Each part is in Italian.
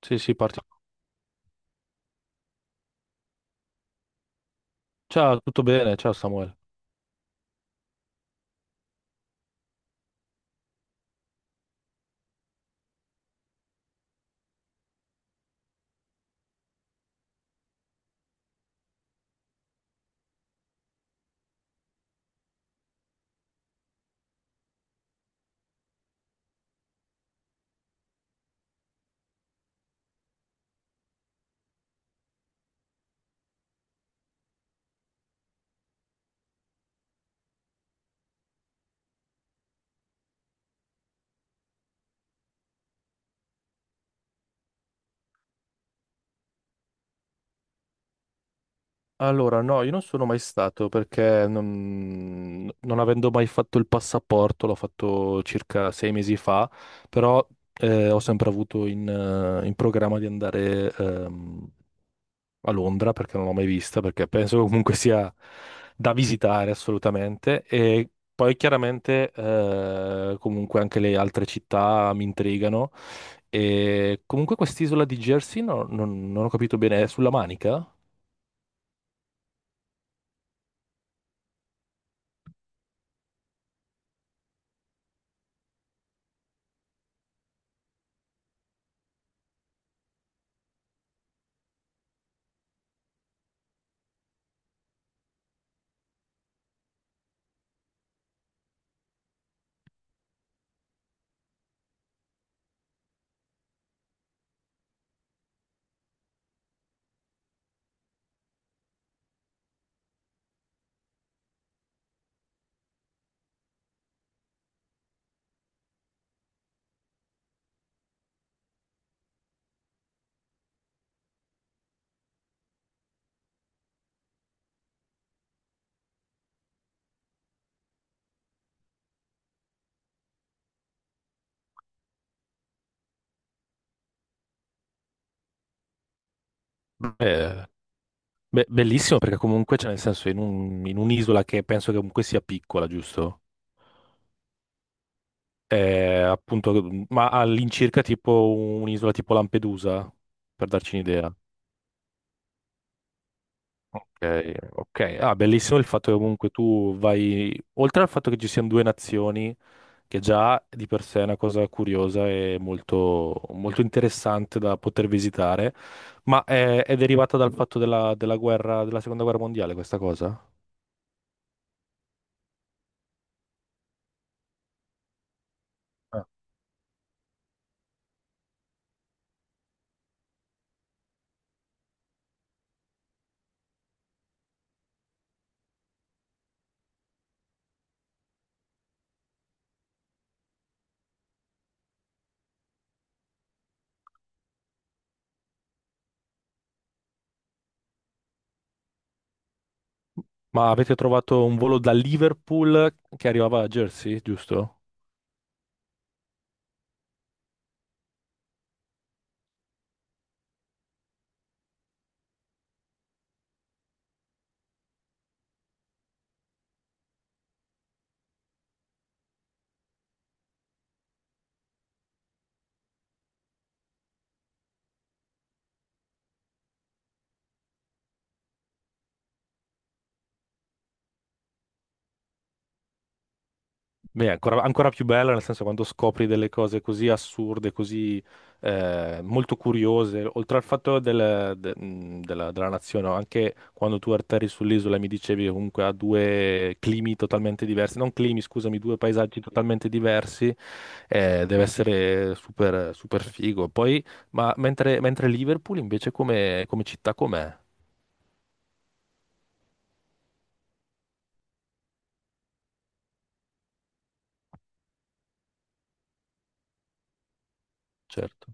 Sì, sì, partiamo. Ciao, tutto bene? Ciao Samuele. Allora, no, io non sono mai stato perché non avendo mai fatto il passaporto, l'ho fatto circa sei mesi fa, però ho sempre avuto in programma di andare, a Londra perché non l'ho mai vista, perché penso che comunque sia da visitare assolutamente. E poi chiaramente comunque anche le altre città mi intrigano. E comunque quest'isola di Jersey non ho capito bene, è sulla Manica? Beh, bellissimo perché comunque c'è, nel senso, in in un'isola che penso che comunque sia piccola, giusto? È appunto, ma all'incirca tipo un'isola tipo Lampedusa, per darci un'idea. Ok, ok. Ah, bellissimo il fatto che comunque tu vai, oltre al fatto che ci siano due nazioni, che già di per sé è una cosa curiosa e molto interessante da poter visitare, ma è derivata dal fatto della guerra, della seconda guerra mondiale, questa cosa? Ah. Ma avete trovato un volo da Liverpool che arrivava a Jersey, giusto? Beh, è ancora più bella, nel senso, quando scopri delle cose così assurde, così molto curiose, oltre al fatto della nazione, no? Anche quando tu atterri sull'isola e mi dicevi che comunque ha due climi totalmente diversi, non climi, scusami, due paesaggi totalmente diversi, deve essere super figo. Poi, ma mentre Liverpool invece come, come città com'è? Certo,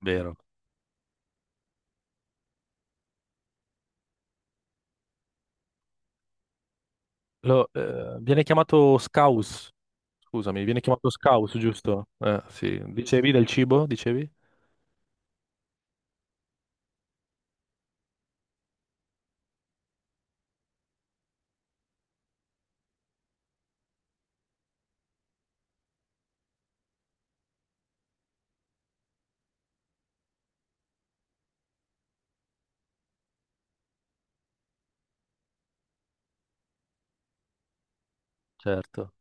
vero. Viene chiamato scaus, scusami, viene chiamato scaus, giusto? Sì. Dicevi del cibo, dicevi? Certo.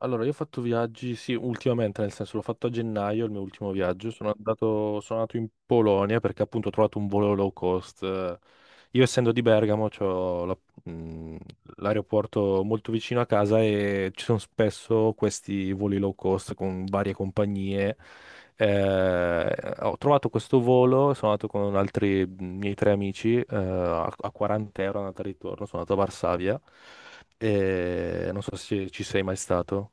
Allora, io ho fatto viaggi, sì, ultimamente, nel senso l'ho fatto a gennaio, il mio ultimo viaggio. Sono andato in Polonia perché appunto ho trovato un volo low cost. Io essendo di Bergamo, mh, l'aeroporto molto vicino a casa e ci sono spesso questi voli low cost con varie compagnie. Ho trovato questo volo, sono andato con altri miei tre amici, a 40 € andata e ritorno, sono andato a Varsavia. E non so se ci sei mai stato.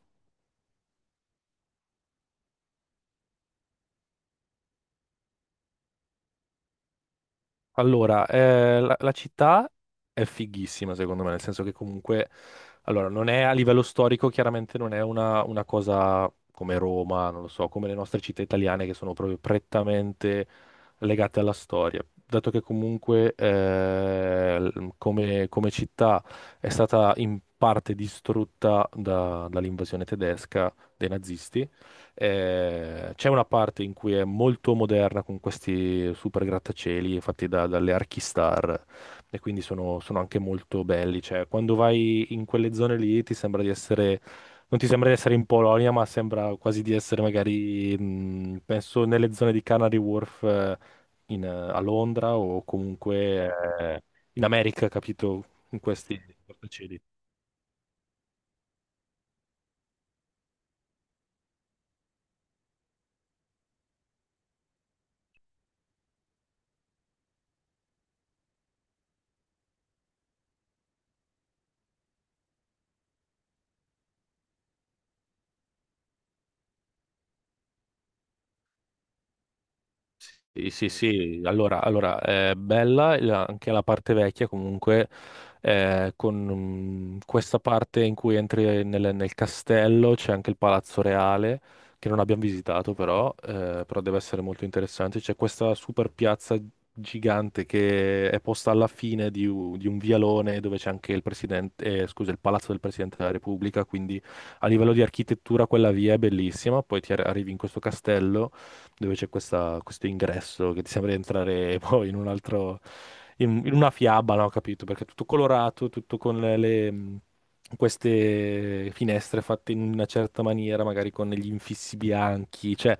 Allora, la città è fighissima, secondo me, nel senso che comunque, allora, non è a livello storico, chiaramente non è una cosa come Roma, non lo so, come le nostre città italiane che sono proprio prettamente legate alla storia. Dato che comunque come, come città è stata in parte distrutta dall'invasione tedesca dei nazisti, c'è una parte in cui è molto moderna con questi super grattacieli fatti dalle Archistar, e quindi sono anche molto belli. Cioè, quando vai in quelle zone lì ti sembra di essere, non ti sembra di essere in Polonia, ma sembra quasi di essere magari, penso, nelle zone di Canary Wharf, a Londra, o comunque eh, in America, capito? In questi grattacieli. Sì, sì, allora, allora è bella anche la parte vecchia comunque, con mm, questa parte in cui entri nel castello, c'è anche il Palazzo Reale, che non abbiamo visitato però, però deve essere molto interessante, c'è questa super piazza gigante che è posta alla fine di, di un vialone dove c'è anche il presidente, scusa, il Palazzo del Presidente della Repubblica, quindi a livello di architettura quella via è bellissima, poi arrivi in questo castello dove questo ingresso che ti sembra di entrare poi in un altro, in una fiaba, no? Capito? Perché è tutto colorato, tutto con queste finestre fatte in una certa maniera, magari con gli infissi bianchi, cioè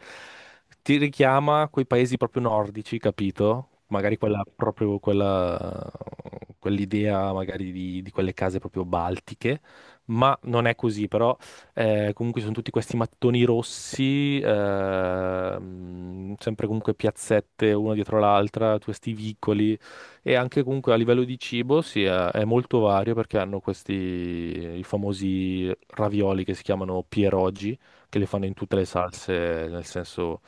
ti richiama quei paesi proprio nordici, capito? Magari proprio quella, quell'idea magari di quelle case proprio baltiche, ma non è così, però comunque sono tutti questi mattoni rossi, sempre comunque piazzette una dietro l'altra, questi vicoli. E anche comunque a livello di cibo sì, è molto vario perché hanno questi i famosi ravioli che si chiamano pierogi, che li fanno in tutte le salse, nel senso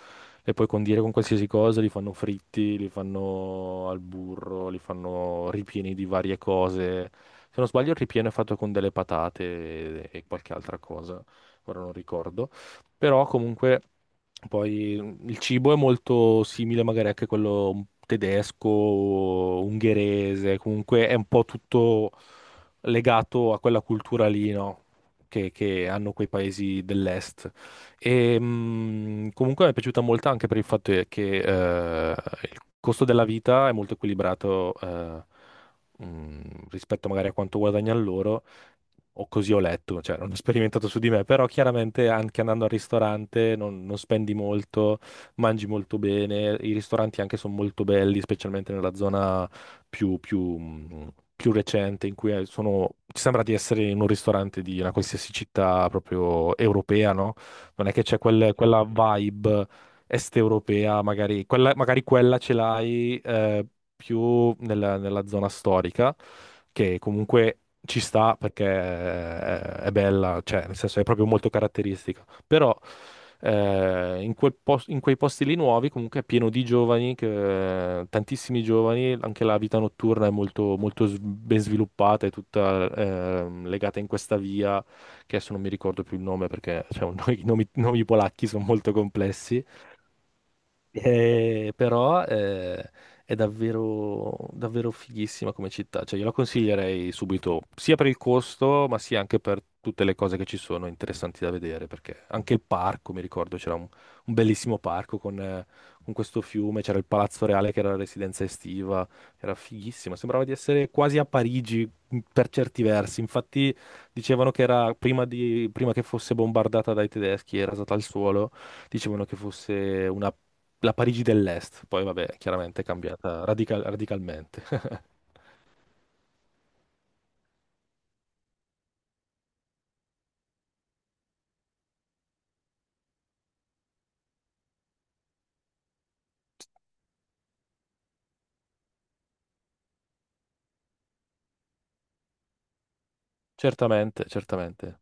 le puoi condire con qualsiasi cosa, li fanno fritti, li fanno al burro, li fanno ripieni di varie cose. Se non sbaglio, il ripieno è fatto con delle patate e qualche altra cosa, ora non ricordo. Però comunque poi il cibo è molto simile magari anche a quello tedesco, ungherese, comunque è un po' tutto legato a quella cultura lì, no? Che hanno quei paesi dell'est. E, comunque mi è piaciuta molto anche per il fatto che il costo della vita è molto equilibrato, rispetto magari a quanto guadagnano loro, o così ho letto, cioè non ho sperimentato su di me, però chiaramente anche andando al ristorante non spendi molto, mangi molto bene, i ristoranti anche sono molto belli, specialmente nella zona più recente in cui ci sembra di essere in un ristorante di una qualsiasi città proprio europea, no? Non è che c'è quella vibe est-europea, magari quella ce l'hai più nella zona storica, che comunque ci sta perché è bella, cioè nel senso è proprio molto caratteristica. Però in in quei posti lì nuovi comunque è pieno di giovani, tantissimi giovani, anche la vita notturna è molto ben sviluppata, è tutta legata in questa via che adesso non mi ricordo più il nome perché cioè, i nomi, nomi polacchi sono molto complessi, però è davvero fighissima come città, cioè io la consiglierei subito, sia per il costo, ma sia anche per tutte le cose che ci sono interessanti da vedere, perché anche il parco, mi ricordo, c'era un bellissimo parco con questo fiume, c'era il Palazzo Reale che era la residenza estiva, era fighissima, sembrava di essere quasi a Parigi, per certi versi, infatti dicevano che era prima che fosse bombardata dai tedeschi e rasata al suolo, dicevano che fosse una, la Parigi dell'Est, poi vabbè, chiaramente è cambiata radicalmente. Certamente, certamente.